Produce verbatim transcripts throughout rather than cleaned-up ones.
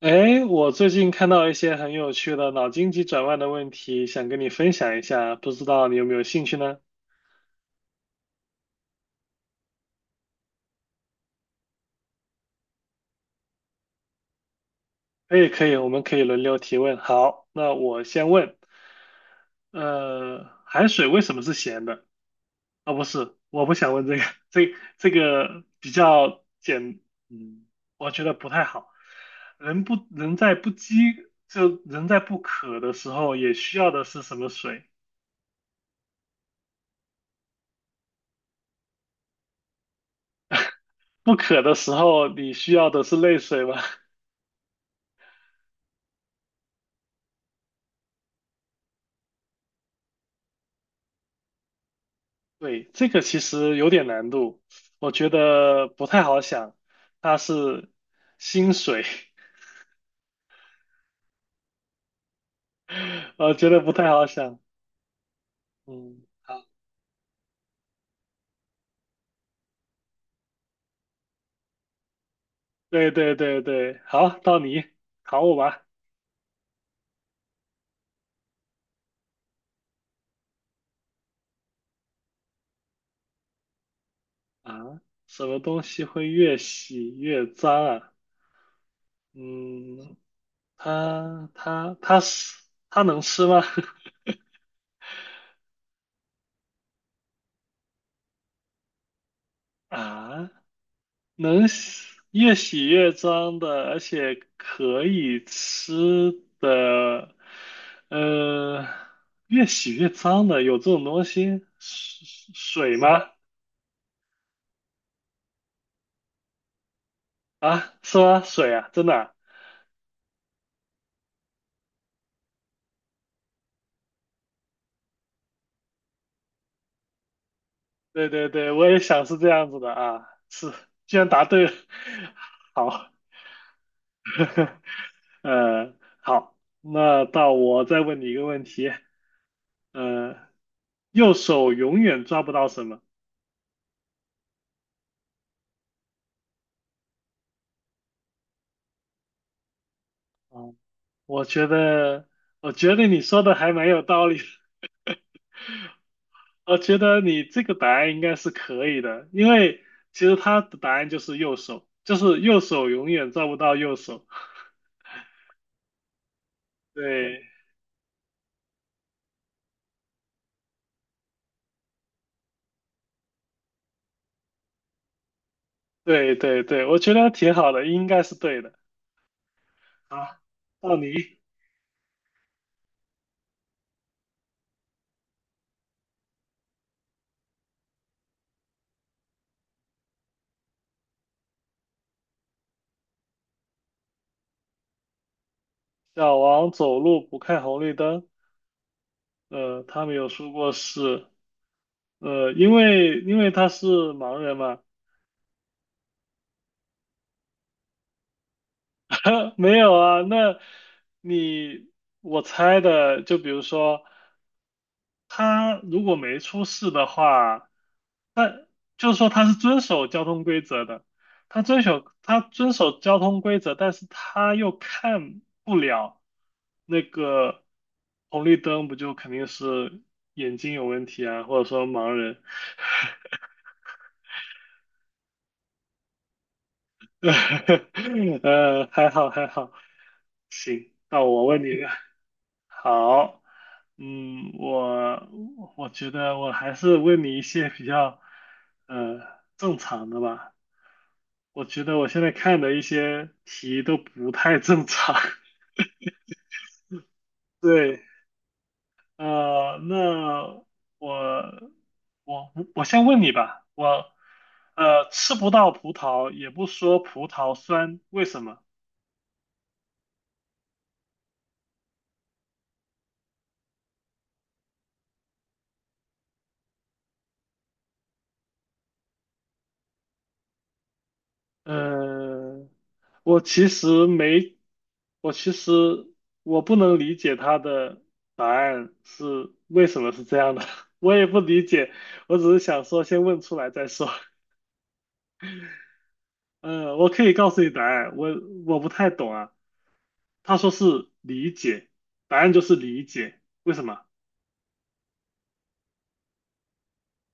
哎，我最近看到一些很有趣的脑筋急转弯的问题，想跟你分享一下，不知道你有没有兴趣呢？可以，可以，我们可以轮流提问。好，那我先问，呃，海水为什么是咸的？啊、不是，我不想问这个，这这个比较简，嗯，我觉得不太好。人不人在不饥，就人在不渴的时候，也需要的是什么水？不渴的时候，你需要的是泪水吗？对，这个其实有点难度，我觉得不太好想。它是薪水，我觉得不太好想。嗯，好，对对对对，好，到你考我吧。啊，什么东西会越洗越脏啊？嗯，它它它是它能吃吗？啊，能洗越洗越脏的，而且可以吃的，呃，越洗越脏的，有这种东西？水水吗？啊，是吗？水啊，真的啊对对对，我也想是这样子的啊，是，居然答对了，好，呃，好，那到我再问你一个问题，嗯，右手永远抓不到什么？啊？我觉得，我觉得你说的还蛮有道理的 我觉得你这个答案应该是可以的，因为其实他的答案就是右手，就是右手永远照不到右手。对，对，对，对，我觉得挺好的，应该是对的。啊，到你，小王走路不看红绿灯。呃，他没有说过是，呃，因为因为他是盲人嘛。没有啊，那你我猜的，就比如说。他如果没出事的话，就是说他是遵守交通规则的，他遵守他遵守交通规则，但是他又看不了那个红绿灯，不就肯定是眼睛有问题啊，或者说盲人？呃，还好还好，行，那我问你一个，好，嗯，我我觉得我还是问你一些比较呃正常的吧。我觉得我现在看的一些题都不太正常。对，呃，那我我我先问你吧，我呃吃不到葡萄，也不说葡萄酸，为什么？嗯，我其实没，我其实我不能理解他的答案是为什么是这样的，我也不理解，我只是想说先问出来再说。嗯，我可以告诉你答案，我我不太懂啊。他说是理解，答案就是理解。为什么？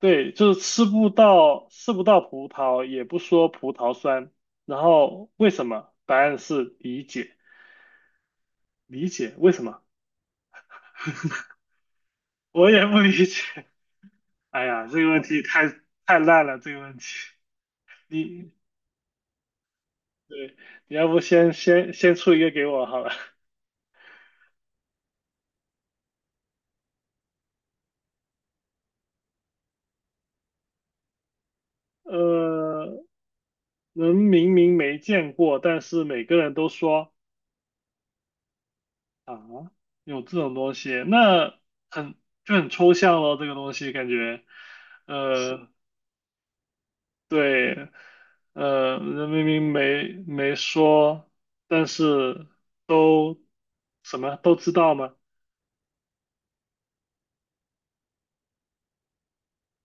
对，就是吃不到吃不到葡萄，也不说葡萄酸。然后为什么？答案是理解，理解为什么？我也不理解。哎呀，这个问题太太烂了，这个问题。你对，你要不先先先出一个给我好了。呃，人明明没见过，但是每个人都说啊，有这种东西，那很就很抽象咯，这个东西感觉，呃，对，呃，人明明没没说，但是都什么都知道吗？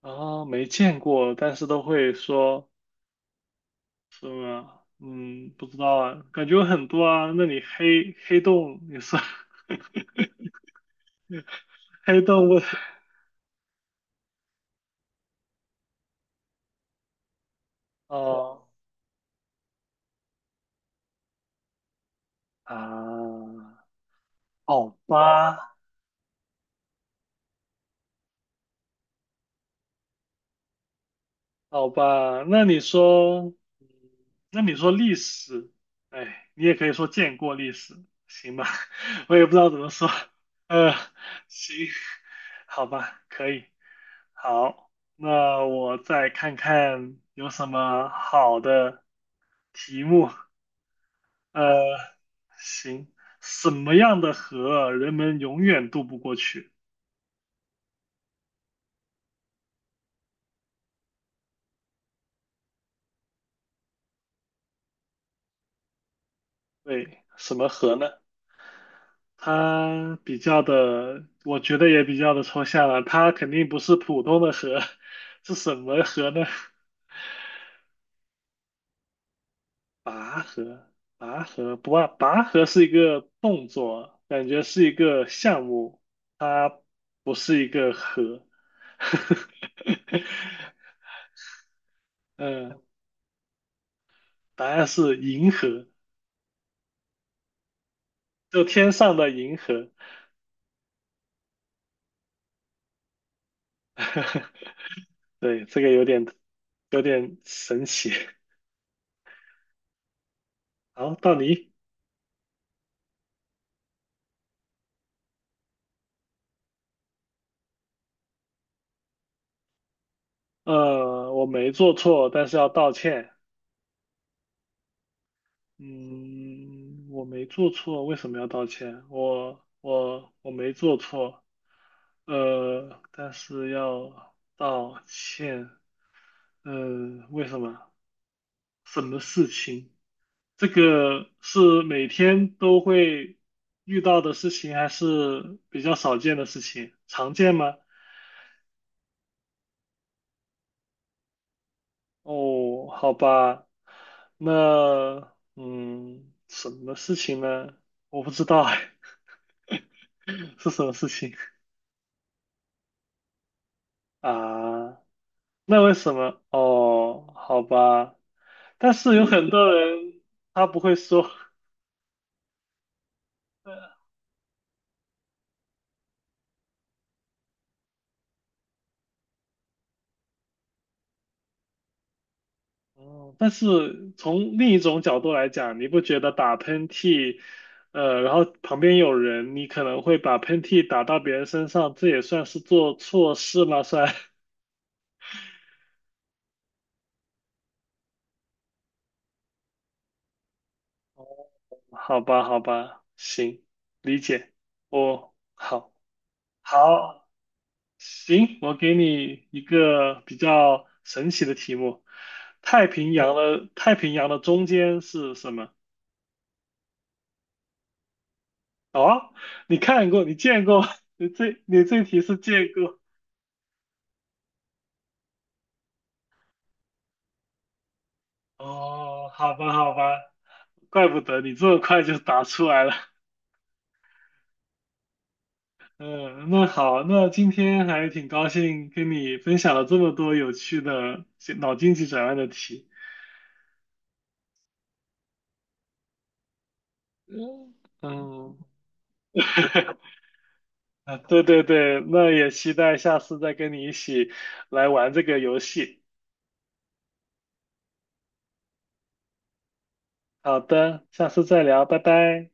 啊，没见过，但是都会说是吗？嗯，不知道啊，感觉有很多啊。那里黑黑洞也是 黑洞问哦啊，好吧，好吧，那你说，嗯那你说历史，哎，你也可以说见过历史，行吧？我也不知道怎么说，呃，行，好吧，可以，好，那我再看看有什么好的题目，呃，行，什么样的河人们永远渡不过去？对，什么河呢？它比较的，我觉得也比较的抽象了。它肯定不是普通的河，是什么河呢？拔河，拔河不啊，拔河是一个动作，感觉是一个项目，它不是一个河。嗯，答案是银河，就天上的银河。对，这个有点有点神奇。好，到你。呃，我没做错，但是要道歉。嗯，我没做错，为什么要道歉？我我我没做错，呃，但是要道歉。嗯，为什么？什么事情？这个是每天都会遇到的事情，还是比较少见的事情？常见吗？哦，好吧，那嗯，什么事情呢？我不知道哎，是什么事情啊？那为什么？哦，好吧，但是有很多人他不会说，哦，但是从另一种角度来讲，你不觉得打喷嚏，呃，然后旁边有人，你可能会把喷嚏打到别人身上，这也算是做错事吗？算？好吧，好吧，行，理解。哦，好，好，行，我给你一个比较神奇的题目：太平洋的太平洋的中间是什么？哦，你看过，你见过，你这你这题是见过。哦，好吧，好吧，怪不得你这么快就答出来了。嗯，那好，那今天还挺高兴跟你分享了这么多有趣的脑筋急转弯的题。嗯嗯，啊，对对对，那也期待下次再跟你一起来玩这个游戏。好的，下次再聊，拜拜。